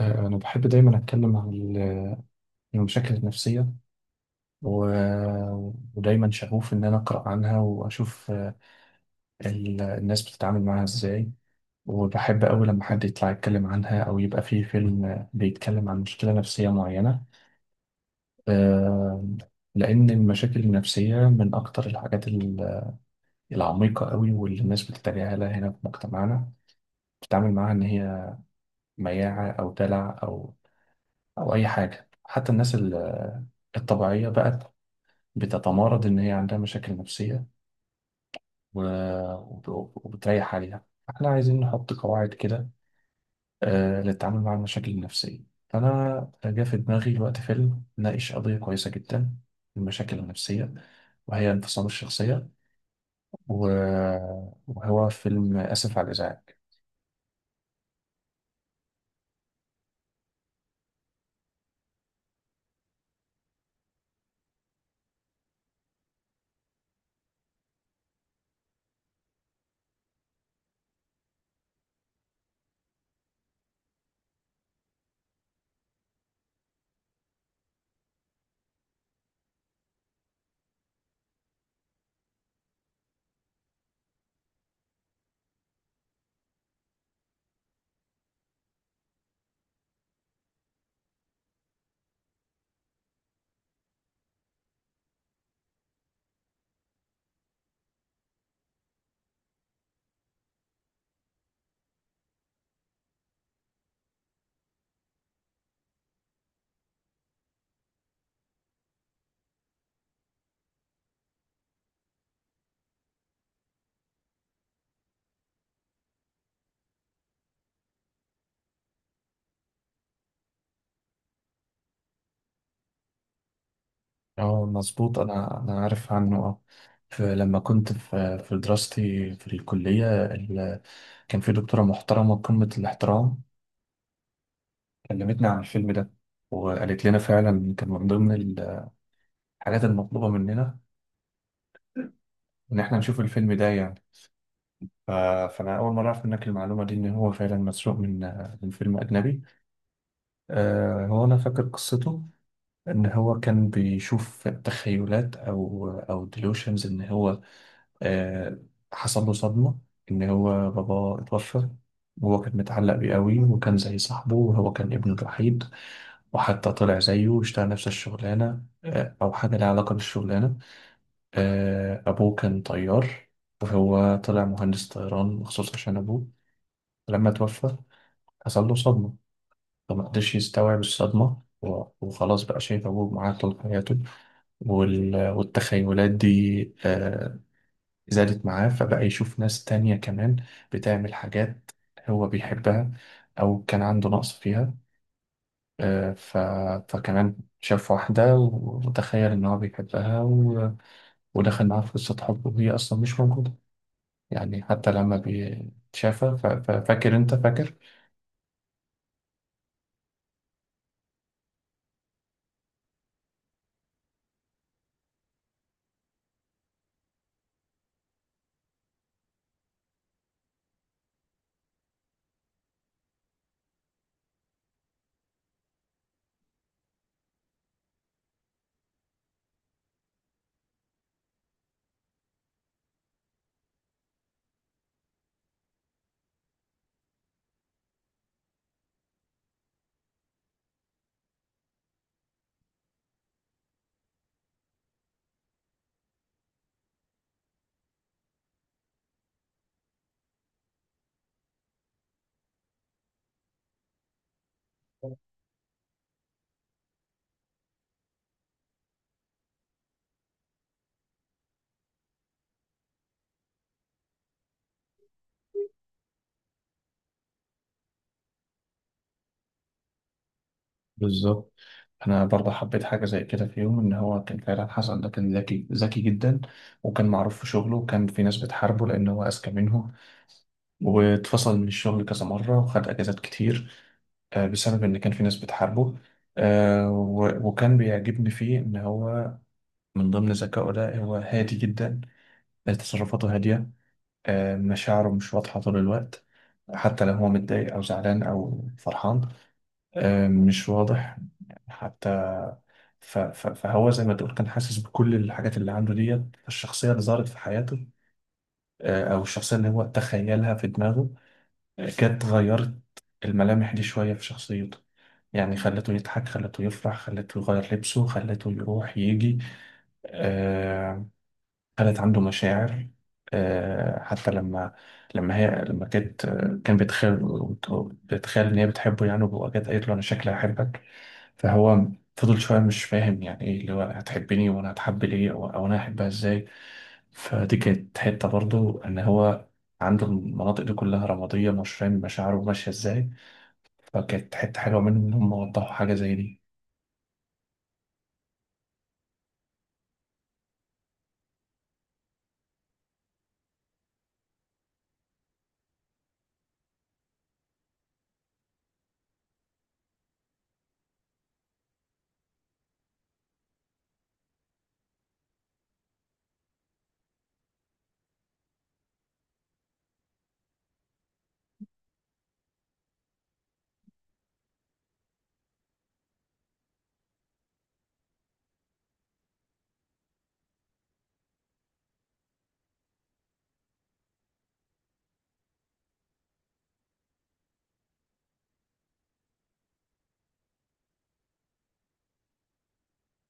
أنا بحب دايما أتكلم عن المشاكل النفسية و... ودايما شغوف إن أنا أقرأ عنها وأشوف الناس بتتعامل معاها إزاي، وبحب أوي لما حد يطلع يتكلم عنها أو يبقى فيه فيلم بيتكلم عن مشكلة نفسية معينة. آه، لأن المشاكل النفسية من أكتر الحاجات العميقة أوي واللي الناس بتتجاهلها هنا في مجتمعنا، بتتعامل معاها إن هي مياعة أو دلع أو أي حاجة. حتى الناس الطبيعية بقت بتتمارض إن هي عندها مشاكل نفسية و- وبتريح عليها، فإحنا عايزين نحط قواعد كده للتعامل مع المشاكل النفسية. فأنا جه في دماغي الوقت فيلم ناقش قضية كويسة جدا، المشاكل النفسية، وهي انفصام الشخصية، و- وهو فيلم آسف على الإزعاج. اه مظبوط، أنا عارف عنه. اه لما كنت في دراستي في الكلية كان في دكتورة محترمة قمة الاحترام، كلمتنا عن الفيلم ده، وقالت لنا فعلا كان من ضمن الحاجات المطلوبة مننا إن إحنا نشوف الفيلم ده. يعني ف- فأنا أول مرة أعرف منك المعلومة دي إن هو فعلا مسروق من فيلم أجنبي. هو أنا فاكر قصته، إن هو كان بيشوف تخيلات أو ديلوشنز. إن هو آه، حصل له صدمة إن هو باباه اتوفى، وهو كان متعلق بيه قوي وكان زي صاحبه وهو كان ابنه الوحيد، وحتى طلع زيه واشتغل نفس الشغلانة أو حاجة لها علاقة بالشغلانة. أبوه كان طيار، وهو طلع مهندس طيران مخصوص عشان أبوه لما توفى حصل له صدمة، فما قدرش يستوعب الصدمة وخلاص بقى شايف أبوه معاه طول حياته. والتخيلات دي آه، زادت معاه، فبقى يشوف ناس تانية كمان بتعمل حاجات هو بيحبها أو كان عنده نقص فيها. آه، ف... فكمان شاف واحدة وتخيل إن هو بيحبها ودخل معاها في قصة حب وهي أصلا مش موجودة، يعني حتى لما بيتشافى. فاكر أنت؟ فاكر بالظبط. أنا برضه حبيت حاجة زي كده في يوم، إن هو كان فعلا حسن ده كان ذكي جدا وكان معروف في شغله، وكان في ناس بتحاربه لأن هو أذكى منهم، واتفصل من الشغل كذا مرة وخد أجازات كتير بسبب إن كان في ناس بتحاربه. وكان بيعجبني فيه إن هو من ضمن ذكائه ده هو هادي جدا، تصرفاته هادية، مشاعره مش واضحة طول الوقت، حتى لو هو متضايق أو زعلان أو فرحان مش واضح حتى. فهو زي ما تقول كان حاسس بكل الحاجات اللي عنده ديت. الشخصية اللي ظهرت في حياته، أو الشخصية اللي هو تخيلها في دماغه، جت غيرت الملامح دي شوية في شخصيته، يعني خلته يضحك، خلته يفرح، خلته يغير لبسه، خلته يروح يجي. آه، كانت عنده مشاعر. حتى لما لما هي لما كانت كان بيتخيل، بيتخيل ان هي بتحبه يعني، وكانت قالت له انا شكلي هحبك، فهو فضل شويه مش فاهم يعني ايه اللي هو هتحبني وانا هتحب ليه، او انا هحبها ازاي. فدي كانت حته برضو ان هو عنده المناطق دي كلها رماديه مش فاهم مشاعره ماشيه ازاي، فكانت حته حلوه منهم ان هم وضحوا حاجه زي دي.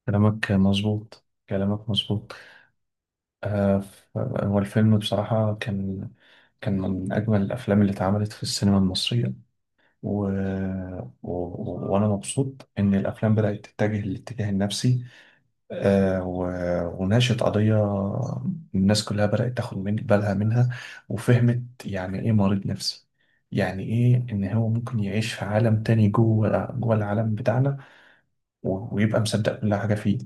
كلامك مظبوط. هو الفيلم بصراحة كان من أجمل الأفلام اللي اتعملت في السينما المصرية. و... وأنا مبسوط إن الأفلام بدأت تتجه للاتجاه النفسي آه و... وناقشت قضية الناس كلها بدأت تاخد من بالها منها، وفهمت يعني إيه مريض نفسي، يعني إيه إن هو ممكن يعيش في عالم تاني جوه العالم بتاعنا ويبقى مصدق كل حاجة فيه.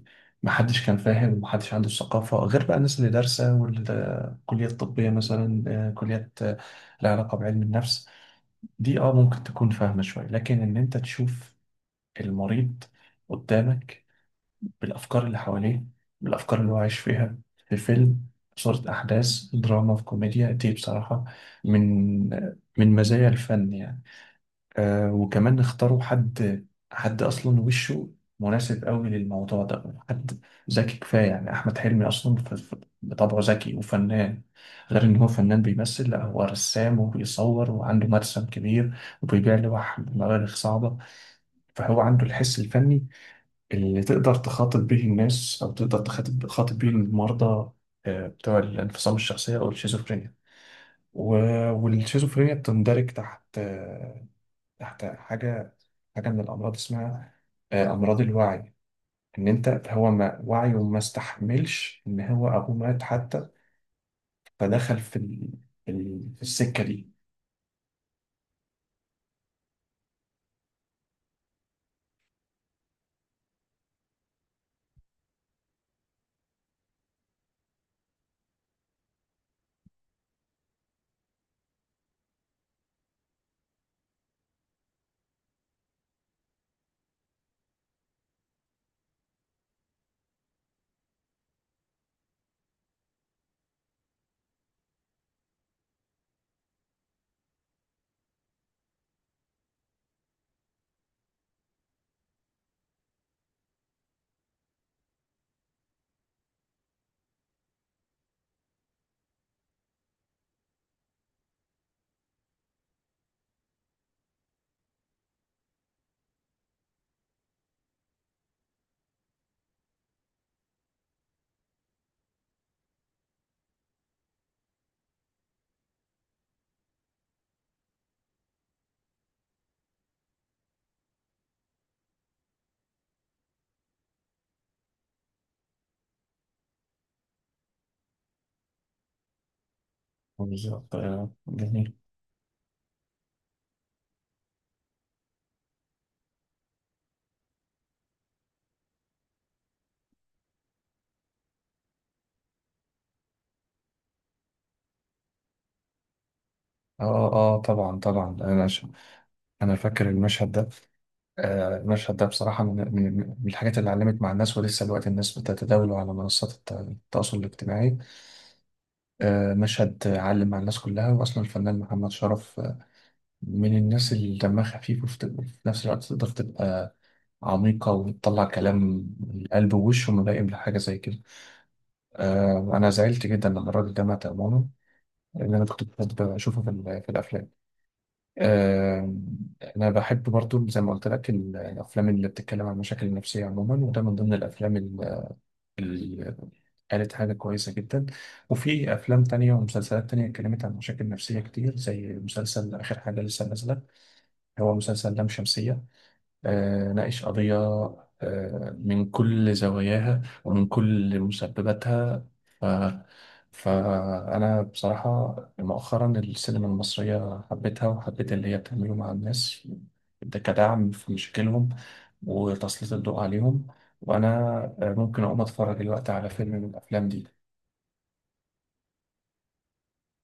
محدش كان فاهم ومحدش عنده الثقافة، غير بقى الناس اللي دارسة والكليات الطبية مثلا، كليات لها علاقة بعلم النفس، دي اه ممكن تكون فاهمة شوية. لكن ان انت تشوف المريض قدامك بالافكار اللي حواليه، بالافكار اللي هو عايش فيها، في فيلم، في صورة احداث دراما في كوميديا، دي بصراحة من مزايا الفن يعني. وكمان اختاروا حد اصلا وشه مناسب قوي للموضوع ده، حد ذكي كفايه. يعني احمد حلمي اصلا بطبعه ذكي وفنان، غير ان هو فنان بيمثل، لا هو رسام وبيصور وعنده مرسم كبير وبيبيع لوح بمبالغ صعبه. فهو عنده الحس الفني اللي تقدر تخاطب به الناس او تقدر تخاطب به المرضى بتوع الانفصام الشخصيه او الشيزوفرينيا. والشيزوفرينيا بتندرج تحت تحت حاجة من الأمراض اسمها أمراض الوعي، إن أنت هو ما وعيه ما استحملش إن هو أبوه مات حتى، فدخل في في السكة دي. بالظبط. جميل. اه اه طبعا طبعا. انا فاكر المشهد ده. المشهد ده بصراحه من الحاجات اللي علمت مع الناس، ولسه دلوقتي الناس بتتداوله على منصات التواصل الاجتماعي. مشهد علم مع الناس كلها. واصلا الفنان محمد شرف من الناس اللي دمها خفيف، وفي في نفس الوقت تقدر تبقى عميقة وتطلع كلام من القلب، ووشه ملائم لحاجة زي كده. أنا زعلت جدا لما الراجل ده مات أمانه، لأن أنا كنت بحب أشوفه في الأفلام. آه أنا بحب برضو زي ما قلت لك الأفلام اللي بتتكلم عن المشاكل النفسية عموما، وده من ضمن الأفلام اللي قالت حاجة كويسة جدا. وفي أفلام تانية ومسلسلات تانية اتكلمت عن مشاكل نفسية كتير، زي مسلسل آخر حاجة لسه نازلة، هو مسلسل لام شمسية. ناقش قضية من كل زواياها ومن كل مسبباتها. ف... فأنا بصراحة مؤخرا السينما المصرية حبيتها، وحبيت اللي هي بتعمله مع الناس ده كدعم في مشاكلهم وتسليط الضوء عليهم. وأنا ممكن أقوم أتفرج دلوقتي على فيلم من الأفلام دي.